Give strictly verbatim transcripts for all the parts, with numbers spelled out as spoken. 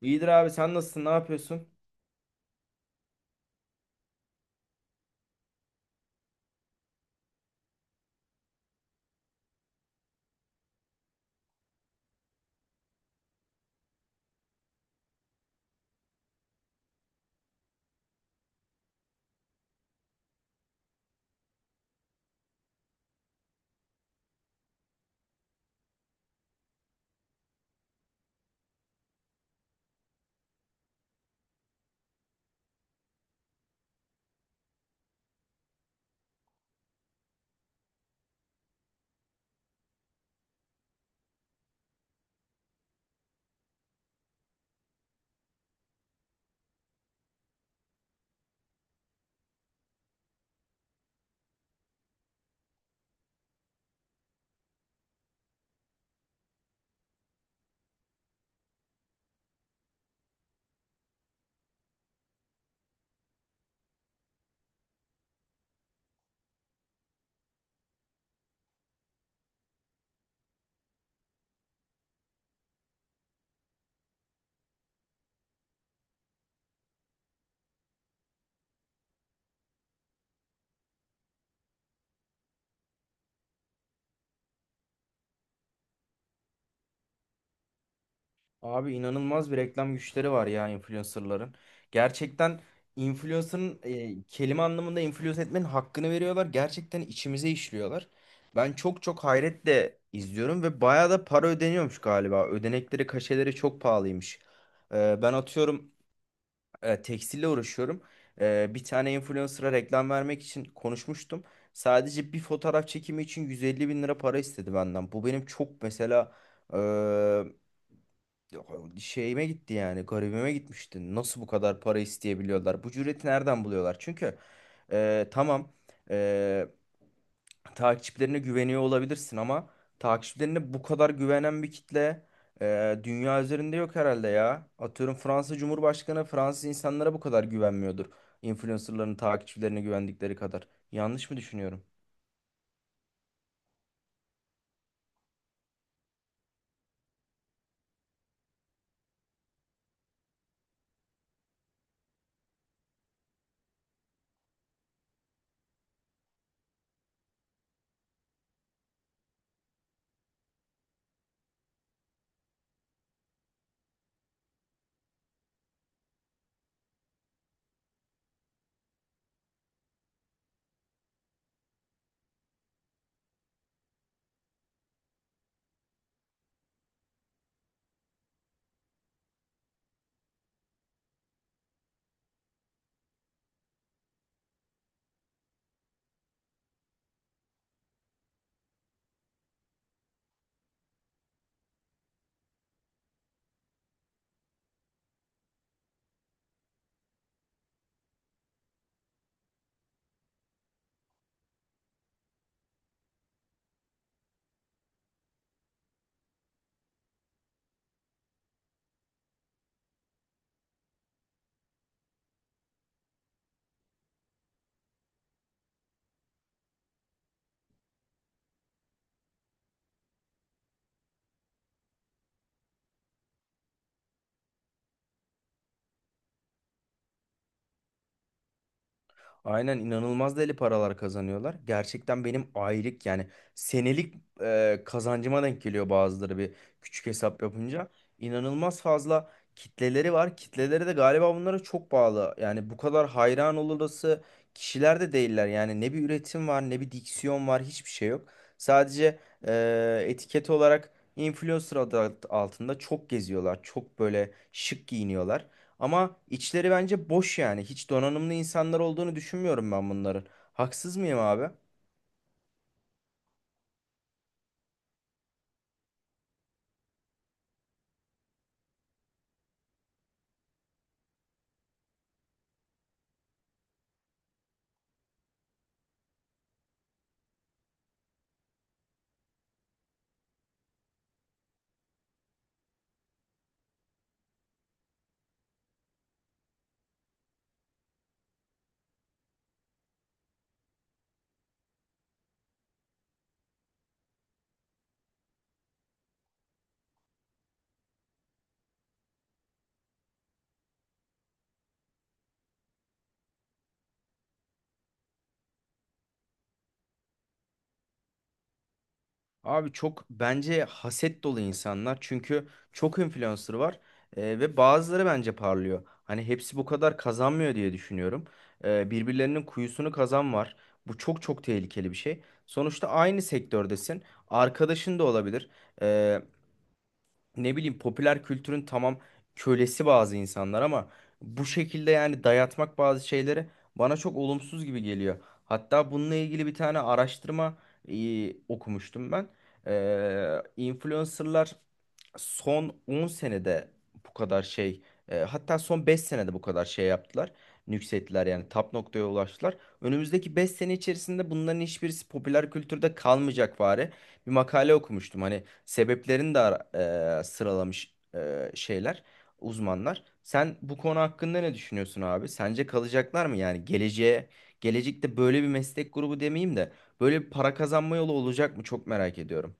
İyidir abi sen nasılsın? Ne yapıyorsun? Abi inanılmaz bir reklam güçleri var ya influencerların. Gerçekten influencer'ın e, kelime anlamında influence etmenin hakkını veriyorlar. Gerçekten içimize işliyorlar. Ben çok çok hayretle izliyorum ve bayağı da para ödeniyormuş galiba. Ödenekleri, kaşeleri çok pahalıymış. Ee, ben atıyorum e, tekstille uğraşıyorum. E, bir tane influencer'a reklam vermek için konuşmuştum. Sadece bir fotoğraf çekimi için yüz elli bin lira para istedi benden. Bu benim çok mesela e, şeyime gitti yani garibime gitmişti. Nasıl bu kadar para isteyebiliyorlar? Bu cüreti nereden buluyorlar? Çünkü e, tamam, takipçilerine güveniyor olabilirsin ama takipçilerine bu kadar güvenen bir kitle e, dünya üzerinde yok herhalde ya. Atıyorum Fransa Cumhurbaşkanı Fransız insanlara bu kadar güvenmiyordur. Influencerların takipçilerine güvendikleri kadar. Yanlış mı düşünüyorum? Aynen, inanılmaz deli paralar kazanıyorlar. Gerçekten benim aylık yani senelik e, kazancıma denk geliyor bazıları bir küçük hesap yapınca. İnanılmaz fazla kitleleri var. Kitleleri de galiba bunlara çok bağlı. Yani bu kadar hayran olurası kişiler de değiller. Yani ne bir üretim var ne bir diksiyon var, hiçbir şey yok. Sadece e, etiket olarak influencer adı altında çok geziyorlar. Çok böyle şık giyiniyorlar. Ama içleri bence boş yani. Hiç donanımlı insanlar olduğunu düşünmüyorum ben bunların. Haksız mıyım abi? Abi çok bence haset dolu insanlar. Çünkü çok influencer var e, ve bazıları bence parlıyor. Hani hepsi bu kadar kazanmıyor diye düşünüyorum. E, birbirlerinin kuyusunu kazan var. Bu çok çok tehlikeli bir şey. Sonuçta aynı sektördesin. Arkadaşın da olabilir. E, ne bileyim, popüler kültürün tamam kölesi bazı insanlar ama bu şekilde yani dayatmak bazı şeyleri bana çok olumsuz gibi geliyor. Hatta bununla ilgili bir tane araştırma e, okumuştum ben. Ee, influencerlar son on senede bu kadar şey, e, hatta son beş senede bu kadar şey yaptılar. Yükselttiler yani tap noktaya ulaştılar. Önümüzdeki beş sene içerisinde bunların hiçbirisi popüler kültürde kalmayacak bari. Bir makale okumuştum. Hani sebeplerini de ara- e, sıralamış e, şeyler, uzmanlar. Sen bu konu hakkında ne düşünüyorsun abi? Sence kalacaklar mı yani geleceğe gelecekte böyle bir meslek grubu demeyeyim de böyle bir para kazanma yolu olacak mı? Çok merak ediyorum.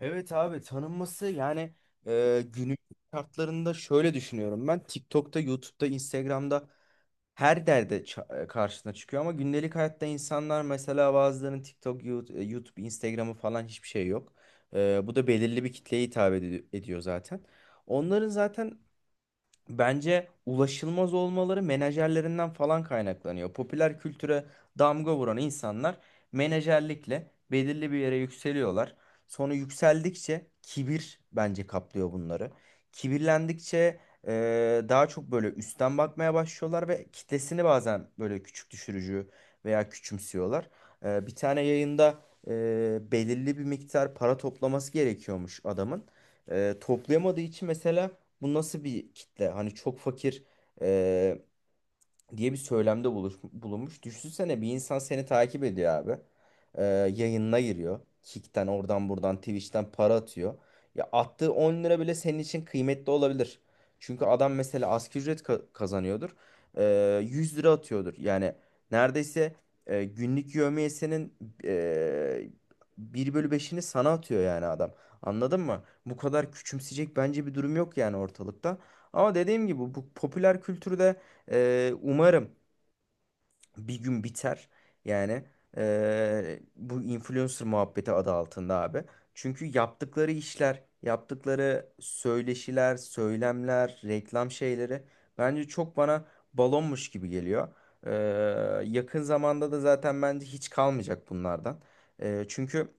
Evet abi, tanınması yani e, günün şartlarında şöyle düşünüyorum: ben TikTok'ta, YouTube'da, Instagram'da her derde ça- e, karşına çıkıyor ama gündelik hayatta insanlar, mesela bazılarının TikTok, Yu- e, YouTube, Instagram'ı falan hiçbir şey yok. E, bu da belirli bir kitleye hitap edi- ediyor zaten. Onların zaten bence ulaşılmaz olmaları menajerlerinden falan kaynaklanıyor. Popüler kültüre damga vuran insanlar menajerlikle belirli bir yere yükseliyorlar. Sonra yükseldikçe kibir bence kaplıyor bunları. Kibirlendikçe e, daha çok böyle üstten bakmaya başlıyorlar ve kitlesini bazen böyle küçük düşürücü veya küçümsüyorlar. E, bir tane yayında e, belirli bir miktar para toplaması gerekiyormuş adamın. E, toplayamadığı için mesela, bu nasıl bir kitle? Hani çok fakir e, diye bir söylemde buluş- bulunmuş. Düşünsene, bir insan seni takip ediyor abi. Ee, yayınına giriyor. Kick'ten, oradan buradan, Twitch'ten para atıyor. Ya attığı on lira bile senin için kıymetli olabilir. Çünkü adam mesela asgari ücret ka- kazanıyordur. Ee, yüz lira atıyordur. Yani neredeyse e, günlük yevmiyesinin e, bir bölü beşini sana atıyor yani adam. Anladın mı? Bu kadar küçümseyecek bence bir durum yok yani ortalıkta. Ama dediğim gibi, bu popüler kültürde ee, umarım bir gün biter. Yani ee, bu influencer muhabbeti adı altında abi. Çünkü yaptıkları işler, yaptıkları söyleşiler, söylemler, reklam şeyleri bence çok bana balonmuş gibi geliyor. Ee, yakın zamanda da zaten bence hiç kalmayacak bunlardan. Ee, çünkü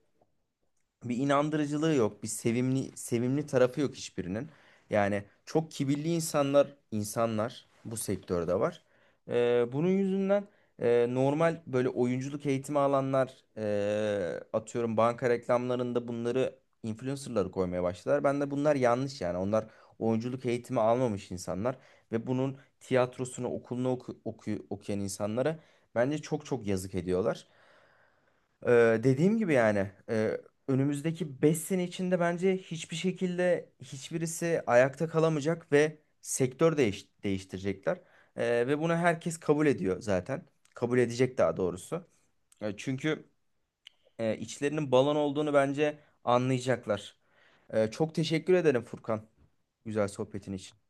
bir inandırıcılığı yok, bir sevimli sevimli tarafı yok hiçbirinin. Yani çok kibirli insanlar insanlar bu sektörde var. Ee, bunun yüzünden e, normal böyle oyunculuk eğitimi alanlar, e, atıyorum, banka reklamlarında bunları, influencerları koymaya başladılar. Ben de bunlar yanlış yani. Onlar oyunculuk eğitimi almamış insanlar ve bunun tiyatrosunu, okulunu oku, oku- okuyan insanlara bence çok çok yazık ediyorlar. Ee, dediğim gibi yani, e, önümüzdeki beş sene içinde bence hiçbir şekilde hiçbirisi ayakta kalamayacak ve sektör değiş değiştirecekler. Ee, ve bunu herkes kabul ediyor zaten. Kabul edecek daha doğrusu. E, çünkü e, içlerinin balon olduğunu bence anlayacaklar. E, çok teşekkür ederim Furkan. Güzel sohbetin için.